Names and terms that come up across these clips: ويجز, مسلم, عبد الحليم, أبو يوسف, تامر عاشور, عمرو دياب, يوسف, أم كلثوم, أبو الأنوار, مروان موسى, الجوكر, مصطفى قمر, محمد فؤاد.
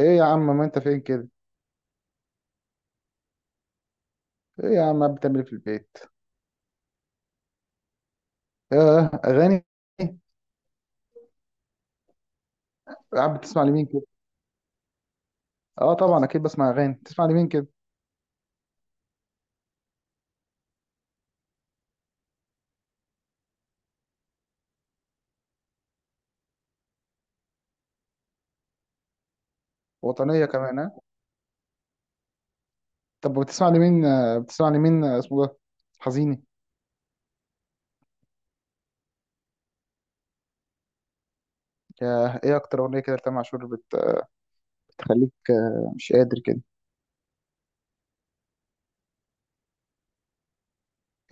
ايه يا عم، ما انت فين كده؟ ايه يا عم قاعد بتعمل ايه في البيت؟ اه، اغاني. قاعد بتسمع لمين كده؟ اه طبعا اكيد بسمع اغاني. بتسمع لمين كده؟ وطنيه كمان، ها؟ طب بتسمع لمين، بتسمع لمين اسمه ده؟ حزيني. يا، ايه اكتر اغنيه كده لتامر عاشور بتخليك مش قادر كده؟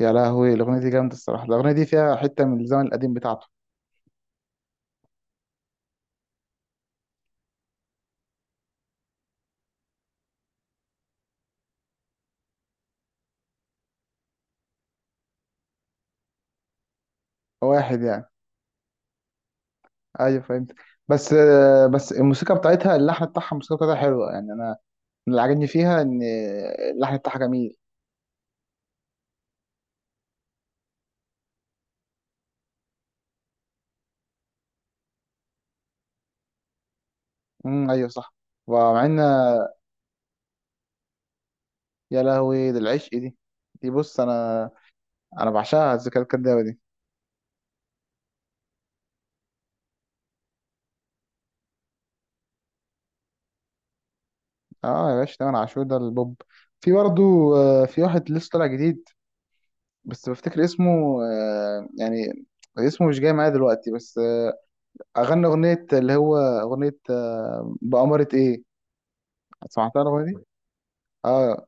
يا لهوي، الاغنيه دي جامده الصراحه. الاغنيه دي فيها حته من الزمن القديم بتاعته. واحد يعني. ايوه فهمت. بس الموسيقى بتاعتها، اللحن بتاعها، الموسيقى بتاعتها حلوه، يعني انا من اللي عاجبني فيها ان اللحن بتاعها جميل. ايوه صح. ومع ان يا لهوي، ده العشق. دي بص انا، انا بعشقها الذكريات الكدابه دي. اه يا باشا، تامر عاشور ده البوب. في برضه، في واحد لسه طالع جديد بس بفتكر اسمه، يعني اسمه مش جاي معايا دلوقتي، بس اغنى اغنيه اللي هو اغنيه، بأمارة ايه. سمعتها الاغنيه دي؟ اه.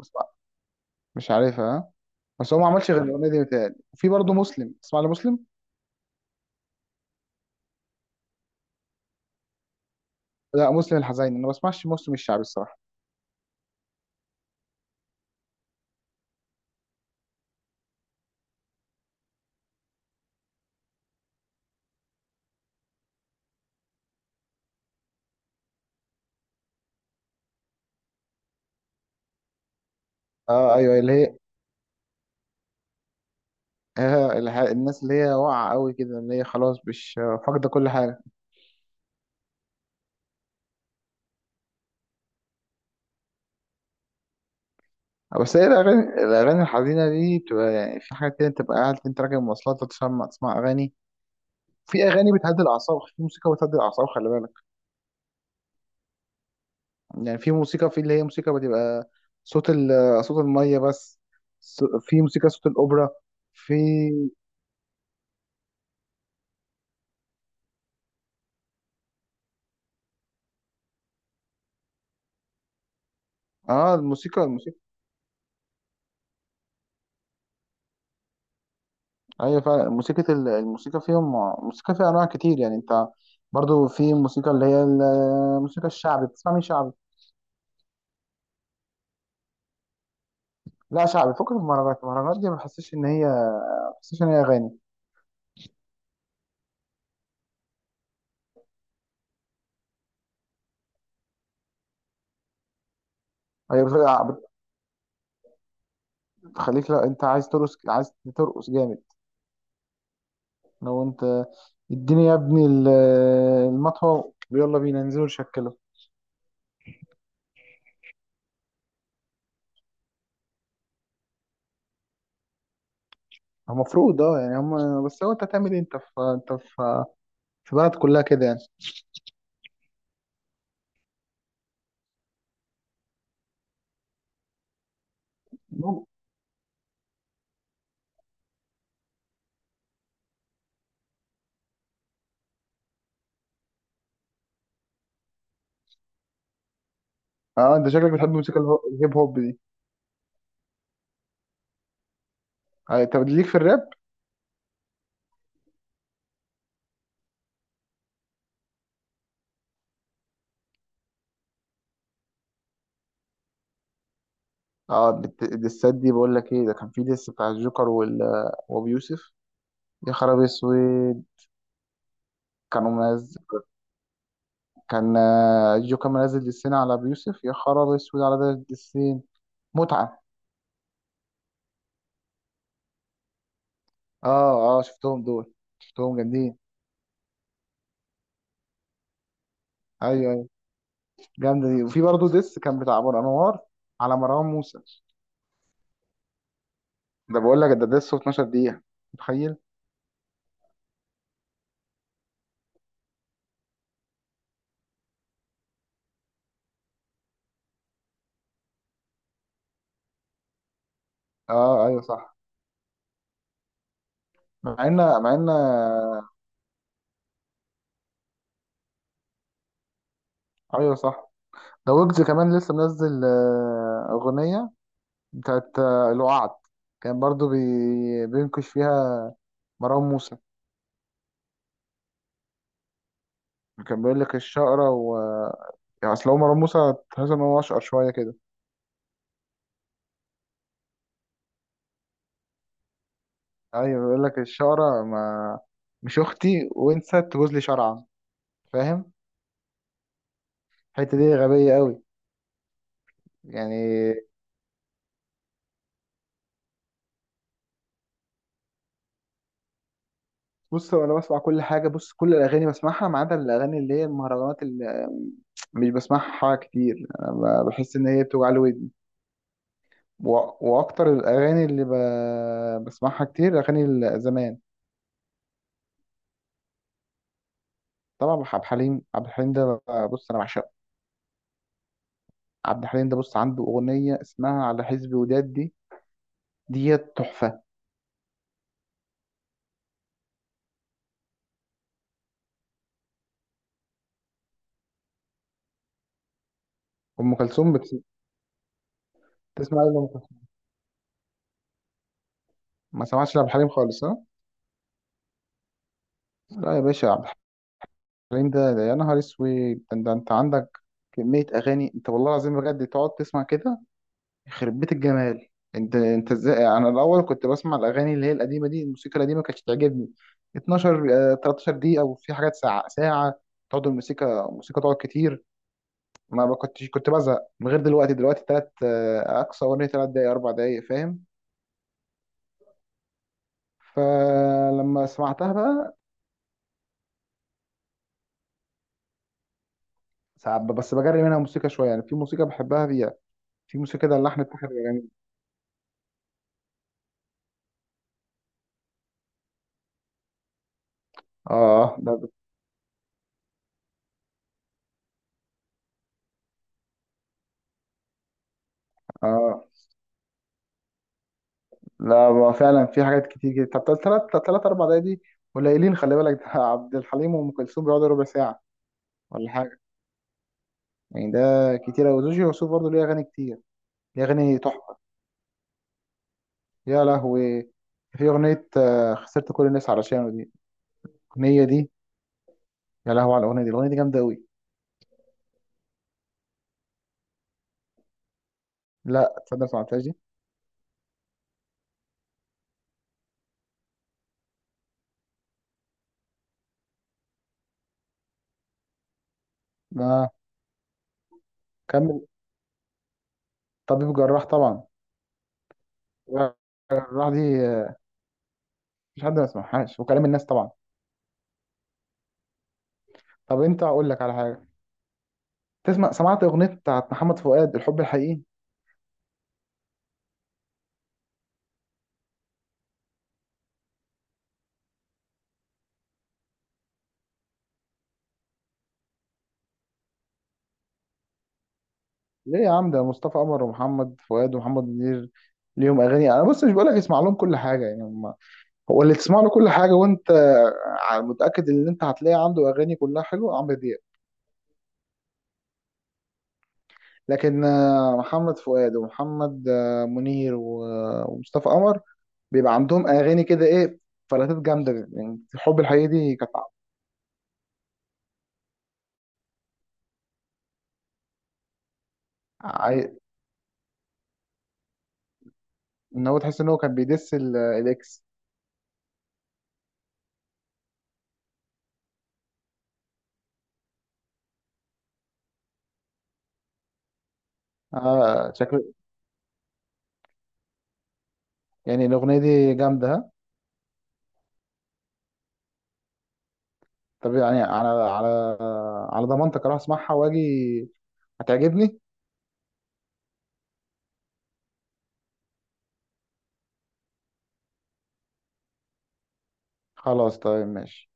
مش مش عارفها، ها؟ بس هو ما عملش غير الاغنيه دي، متهيألي. وفي برضه مسلم. تسمع لمسلم؟ لا، مسلم الحزين. انا ما بسمعش مسلم الشعبي الصراحه. اه ايوه، اللي هي الناس اللي هي واقعة قوي كده، اللي هي خلاص مش فاقدة كل حاجة. بس هي الأغاني الحزينة دي بتبقى يعني في حاجات كده، تبقى قاعد أنت راكب مواصلات، تسمع أغاني. في أغاني بتهدي الأعصاب، في موسيقى بتهدي الأعصاب، خلي بالك. يعني في موسيقى، في اللي هي موسيقى بتبقى صوت ال صوت المية بس. في موسيقى صوت الأوبرا. في، اه الموسيقى. ايوه فعلا، موسيقى الموسيقى فيهم، موسيقى فيها انواع كتير يعني. انت برضو في موسيقى اللي هي الموسيقى الشعبي. بتسمع مين شعبي؟ لا شعبي، فكك من المهرجانات دي ما بحسش ان هي، ما بحسش ان هي اغاني. هي بت- بتخليك، لا، انت عايز ترقص، عايز ترقص جامد. لو انت اديني يا ابني المطوه ويلا بينا ننزل نشكله. المفروض اه، يعني هم، بس هو انت هتعمل ايه؟ انت في في بلد كلها كده يعني. المهم، اه انت شكلك بتحب الموسيقى الهيب هوب دي. اه، طب ليك في الراب؟ اه، الدسات دي بقول لك ايه، ده كان في ديس بتاع الجوكر وابي يوسف. يا خرابي اسود. كانوا، كان جو كان منزل دسين على أبو يوسف. يا خراب اسود على ده الدسين. متعة. اه اه، شفتهم دول، شفتهم جامدين. ايوه ايوه، جامدة دي. وفي برضه ديس كان بتاع أبو الأنوار على مروان موسى. ده بقول لك ده ديس 12 دقيقة، متخيل؟ اه ايوه صح. مع ان، مع ان ايوه صح. ده ويجز كمان لسه منزل أغنية بتاعت الوعد. كان برضو بينكش فيها مروان موسى. كان بيقول لك الشقرة يعني اصل هو مروان موسى تحس ان هو اشقر شويه كده. ايوه، بيقول لك الشقره ما، مش اختي وانسى تجوز لي شرعا، فاهم. الحته دي غبيه قوي. يعني بص انا بسمع كل حاجه. بص، كل الاغاني بسمعها ما عدا الاغاني اللي هي المهرجانات، اللي مش بسمعها كتير انا. بحس ان هي بتوجع لي ودني و... واكتر الاغاني اللي بسمعها كتير اغاني زمان. طبعا عبد الحليم ده بص انا بعشقه. عبد الحليم ده بص، عنده اغنيه اسمها على حسب وداد دي. ديت تحفه. ام كلثوم بتسمع ايه لأم كلثوم؟ ما سمعتش لعبد الحليم خالص، ها؟ لا يا باشا، عبد الحليم ده، يا نهار اسود. ده، انت عندك كميه اغاني، انت والله العظيم بجد تقعد تسمع كده، يخرب بيت الجمال. انت ازاي، انا الاول كنت بسمع الاغاني اللي هي القديمه دي، الموسيقى القديمه كانتش تعجبني. 12، 13 دقيقه، وفي حاجات ساعه ساعه، تقعد الموسيقى تقعد كتير. ما كنتش، كنت بزهق من غير. دلوقتي تلات اقصى اغنيه 3 دقايق، 4 دقايق، فاهم. فلما سمعتها بقى، ساعات بس بجري منها موسيقى شويه، يعني في موسيقى بحبها فيها، في موسيقى ده اللحن بتاعها بيبقى جميل. اه، آه، ده ب- اه لا، هو فعلا في حاجات كتير جدا. طب تلات، تلات 4 دقايق دي قليلين، خلي بالك ده عبد الحليم وام كلثوم بيقعدوا ربع ساعه ولا حاجه، يعني ده كتير قوي. وزوجي يوسف برضه ليه اغاني كتير، ليه اغاني تحفه. يا لهوي، في اغنيه خسرت كل الناس علشانه دي. الاغنيه دي، يا لهوي على الاغنيه دي، الاغنيه دي جامده قوي. لا تصدق، ما سمعتهاش دي. اه، كمل. طبيب جراح طبعا. جراح دي مفيش حد ما سمعهاش، وكلام الناس طبعا. طب انت هقول لك على حاجه. تسمع، سمعت اغنيه بتاعت محمد فؤاد، الحب الحقيقي؟ ليه يا عم؟ ده مصطفى قمر ومحمد فؤاد ومحمد منير ليهم اغاني. انا بص، مش بقول لك اسمع لهم كل حاجه يعني، هم، هو اللي تسمع له كل حاجه وانت متاكد ان انت هتلاقي عنده اغاني كلها حلوه عمرو دياب. لكن محمد فؤاد، ومحمد منير، ومصطفى قمر، بيبقى عندهم اغاني كده، ايه، فلاتات جامده يعني. الحب الحقيقي دي كانت ع- ان هو تحس ان هو كان بيدس الاكس. اه، شكل يعني الاغنيه دي جامده، ها؟ طب يعني، على على ضمانتك اروح اسمعها واجي، هتعجبني. خلاص، طيب ماشي.